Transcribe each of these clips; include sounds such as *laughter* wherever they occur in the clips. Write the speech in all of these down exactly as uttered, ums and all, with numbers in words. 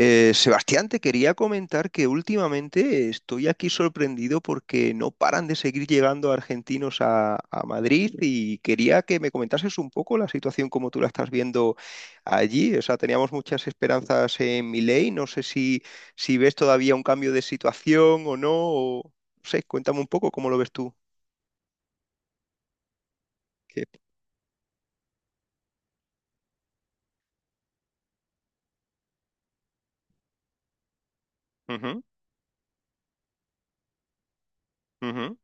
Eh, Sebastián, te quería comentar que últimamente estoy aquí sorprendido porque no paran de seguir llegando argentinos a, a Madrid y quería que me comentases un poco la situación como tú la estás viendo allí. O sea, teníamos muchas esperanzas en Milei. No sé si, si ves todavía un cambio de situación o no. O, no sé, cuéntame un poco cómo lo ves tú. Que- Ujú, ujú,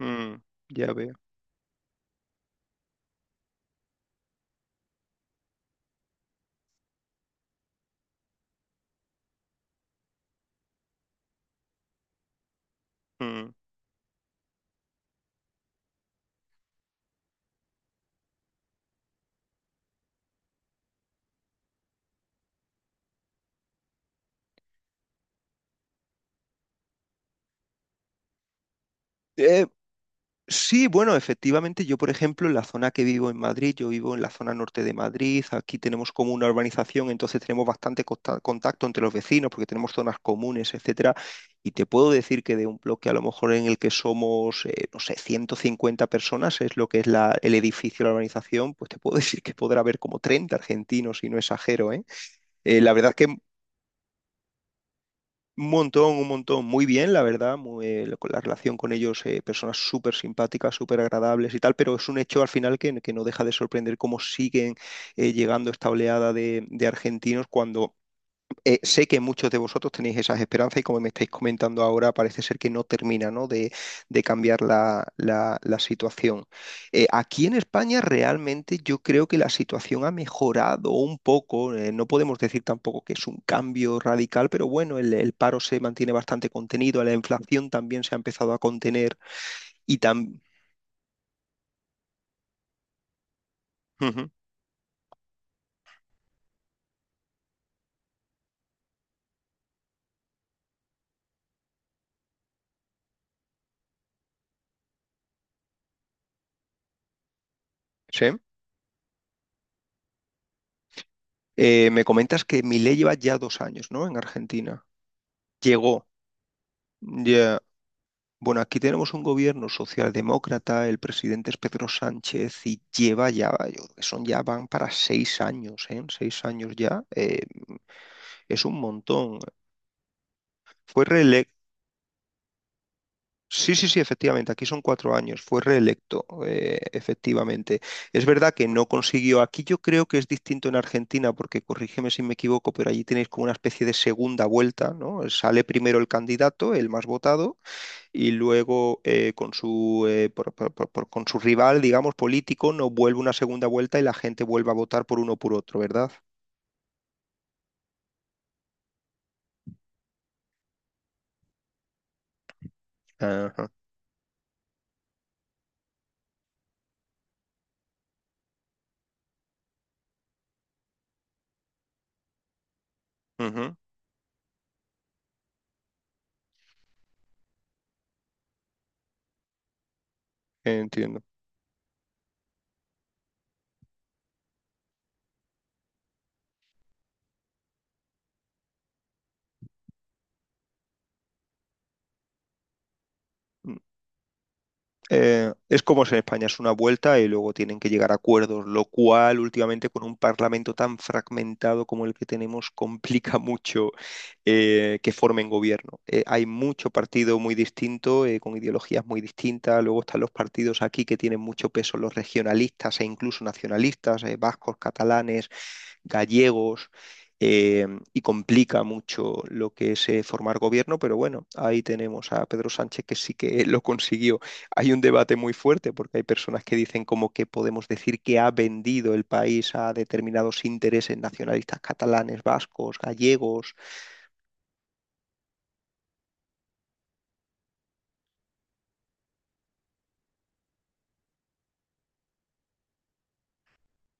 mm, ya veo. mm. Eh, Sí, bueno, efectivamente, yo por ejemplo, en la zona que vivo en Madrid, yo vivo en la zona norte de Madrid, aquí tenemos como una urbanización, entonces tenemos bastante costa- contacto entre los vecinos porque tenemos zonas comunes, etcétera, y te puedo decir que de un bloque a lo mejor en el que somos, eh, no sé, ciento cincuenta personas, es lo que es la, el edificio, la urbanización, pues te puedo *laughs* decir que podrá haber como treinta argentinos, si no exagero, ¿eh? Eh, la verdad que un montón, un montón. Muy bien, la verdad. Muy, eh, la, la relación con ellos, eh, personas súper simpáticas, súper agradables y tal, pero es un hecho al final que, que no deja de sorprender cómo siguen eh, llegando esta oleada de, de argentinos cuando eh, sé que muchos de vosotros tenéis esas esperanzas y como me estáis comentando ahora, parece ser que no termina, ¿no? de, de cambiar la, la- la situación. Eh, aquí en España realmente yo creo que la situación ha mejorado un poco. Eh, no podemos decir tampoco que es un cambio radical, pero bueno, el, el paro se mantiene bastante contenido, la inflación también se ha empezado a contener y también... Sí. Eh, me comentas que mi lleva ya dos años, ¿no? En Argentina. Llegó. Ya, bueno, aquí tenemos un gobierno socialdemócrata, el presidente es Pedro Sánchez y lleva ya, yo creo que son ya van para seis años, ¿eh? Seis años ya, eh, es un montón. Fue reelecto. Sí, sí, sí, efectivamente, aquí son cuatro años, fue reelecto, eh, efectivamente. Es verdad que no consiguió, aquí yo creo que es distinto en Argentina, porque corrígeme si me equivoco, pero allí tenéis como una especie de segunda vuelta, ¿no? Sale primero el candidato, el más votado, y luego eh, con su, eh, por- por- por- por- con su rival, digamos, político, no vuelve una segunda vuelta y la gente vuelve a votar por uno o por otro, ¿verdad? Ajá, ujú, entiendo. Eh, es como si en España es una vuelta y luego tienen que llegar a acuerdos, lo cual últimamente con un parlamento tan fragmentado como el que tenemos *laughs* complica mucho eh, que formen gobierno. Eh, hay mucho partido muy distinto, eh, con ideologías muy distintas, luego están los partidos aquí que tienen mucho peso, los regionalistas e incluso nacionalistas, eh, vascos, catalanes, gallegos. eh, y complica mucho lo que es eh, formar gobierno, pero bueno, ahí tenemos a Pedro Sánchez que sí que lo consiguió. Hay un debate muy fuerte porque hay personas que dicen como que podemos decir que ha vendido el país a determinados intereses nacionalistas catalanes, vascos, gallegos.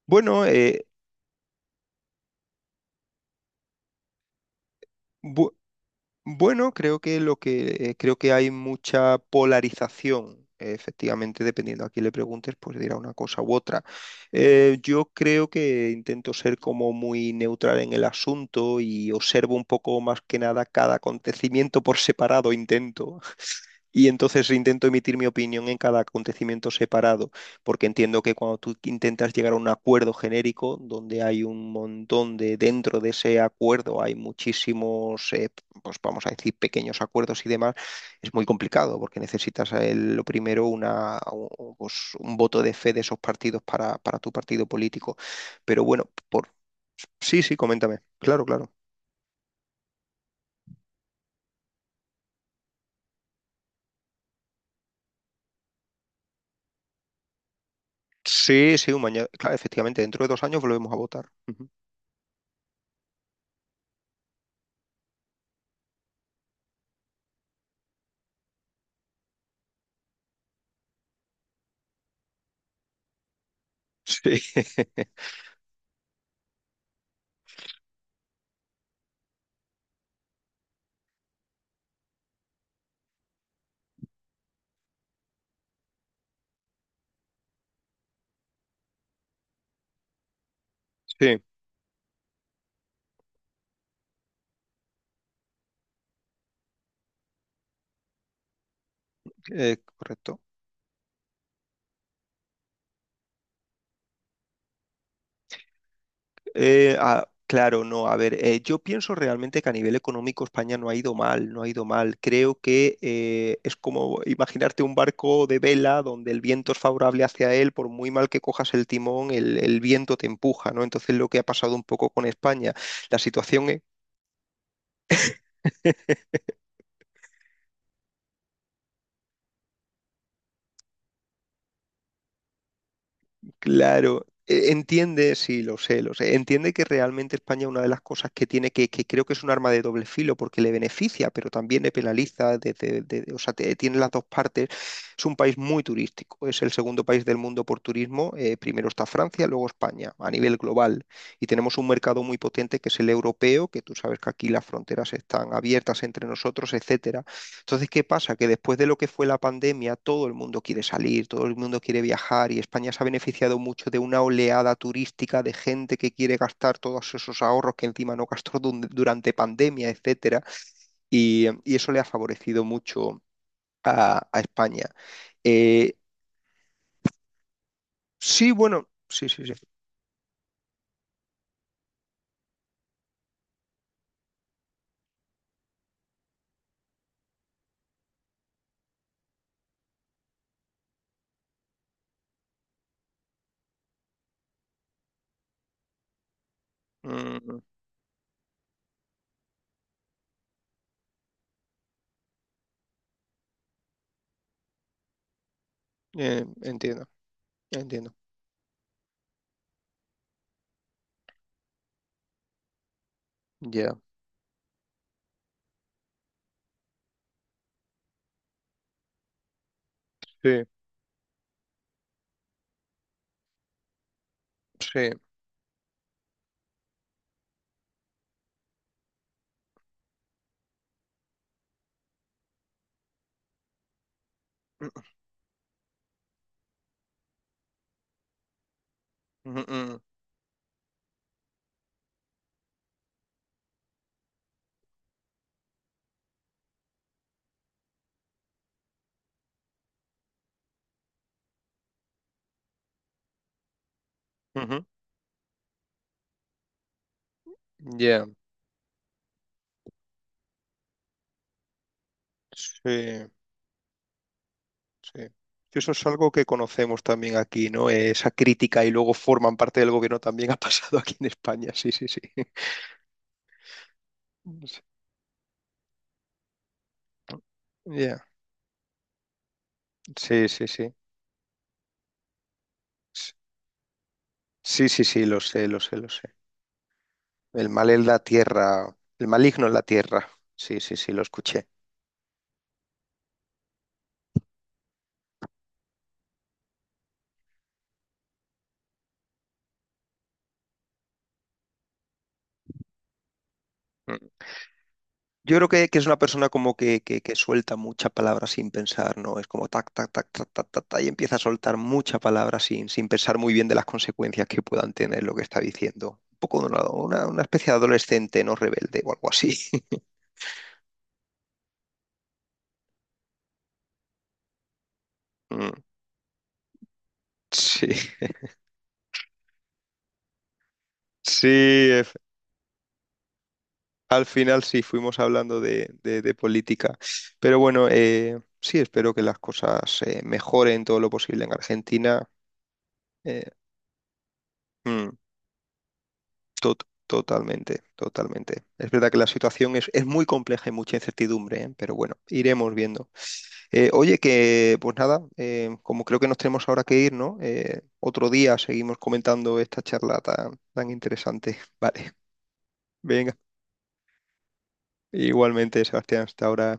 Bueno, eh, bu- bueno, creo que lo que eh, creo que hay mucha polarización. eh, Efectivamente, dependiendo a quién le preguntes, pues dirá una cosa u otra. Eh, yo creo que intento ser como muy neutral en el asunto y observo un poco más que nada cada acontecimiento por separado, intento. Y entonces intento emitir mi opinión en cada acontecimiento separado, porque entiendo que cuando tú intentas llegar a un acuerdo genérico, donde hay un montón de, dentro de ese acuerdo hay muchísimos, eh, pues vamos a decir, pequeños acuerdos y demás, es muy complicado, porque necesitas eh, lo primero una, o- pues, un voto de fe de esos partidos para, para tu partido político. Pero bueno, por... sí, sí, coméntame. Claro, claro. Sí, sí, un mañana. Claro, efectivamente, dentro de dos años volvemos a votar. Ujú. Sí. *laughs* Sí. Eh, correcto. Eh, ah, claro, no, a ver, eh, yo pienso realmente que a nivel económico España no ha ido mal, no ha ido mal. Creo que eh, es como imaginarte un barco de vela donde el viento es favorable hacia él, por muy mal que cojas el timón, el, el viento te empuja, ¿no? Entonces lo que ha pasado un poco con España, la situación... e Claro, e- entiende, sí, lo sé, lo sé. Entiende que realmente España una de las cosas que tiene que, que creo que es un arma de doble filo porque le beneficia, pero también le penaliza, desde, de- o sea, te- tiene las dos partes. Es un país muy turístico, es el segundo país del mundo por turismo. Eh, primero está Francia, luego España, a nivel global. Y tenemos un mercado muy potente que es el europeo, que tú sabes que aquí las fronteras están abiertas entre nosotros, etcétera. Entonces, ¿qué pasa? Que después de lo que fue la pandemia, todo el mundo quiere salir, todo el mundo quiere viajar y España se ha beneficiado mucho de una oleada turística de gente que quiere gastar todos esos ahorros que encima no gastó dun- durante pandemia, etcétera, y, y eso le ha favorecido mucho a, a España. Eh, sí, bueno, sí, sí, sí. Mm, eh, entiendo, entiendo. Ya. Sí, sí. Mm, mm, mm, mm, ujú. Ya. Sí. Sí. Sí, eso es algo que conocemos también aquí, ¿no? Eh, Esa crítica y luego forman parte del gobierno también ha *laughs* pasado aquí en España. Sí, sí, sí. *laughs* Sí. Ya, sí, sí, sí. S- Sí, sí, sí, lo sé, lo sé, lo sé. El mal en la tierra, el maligno en la tierra. Sí, sí, sí, lo escuché. Mm. Yo creo que, que es una persona como que, que, que suelta mucha palabra sin pensar, ¿no? Es como tac, tac, tac, tac, tac, tac, tac, y empieza a soltar mucha palabra sin, sin pensar muy bien de las consecuencias que puedan tener lo que está diciendo. Un poco de una, una, una especie de adolescente no rebelde o algo así. *laughs* Mm, sí, sí, ef- al final sí fuimos hablando de, de- de política. Pero bueno, eh, sí, espero que las cosas eh, mejoren todo lo posible en Argentina. Eh, mm. Tot- totalmente, totalmente. Es verdad que la situación es, es muy compleja y mucha incertidumbre, ¿eh? Pero bueno, iremos viendo. Eh, oye, que pues nada, eh, como creo que nos tenemos ahora que ir, ¿no? Eh, otro día seguimos comentando esta charla tan, tan interesante. *laughs* Vale, venga, igualmente, Sebastián, hasta ahora.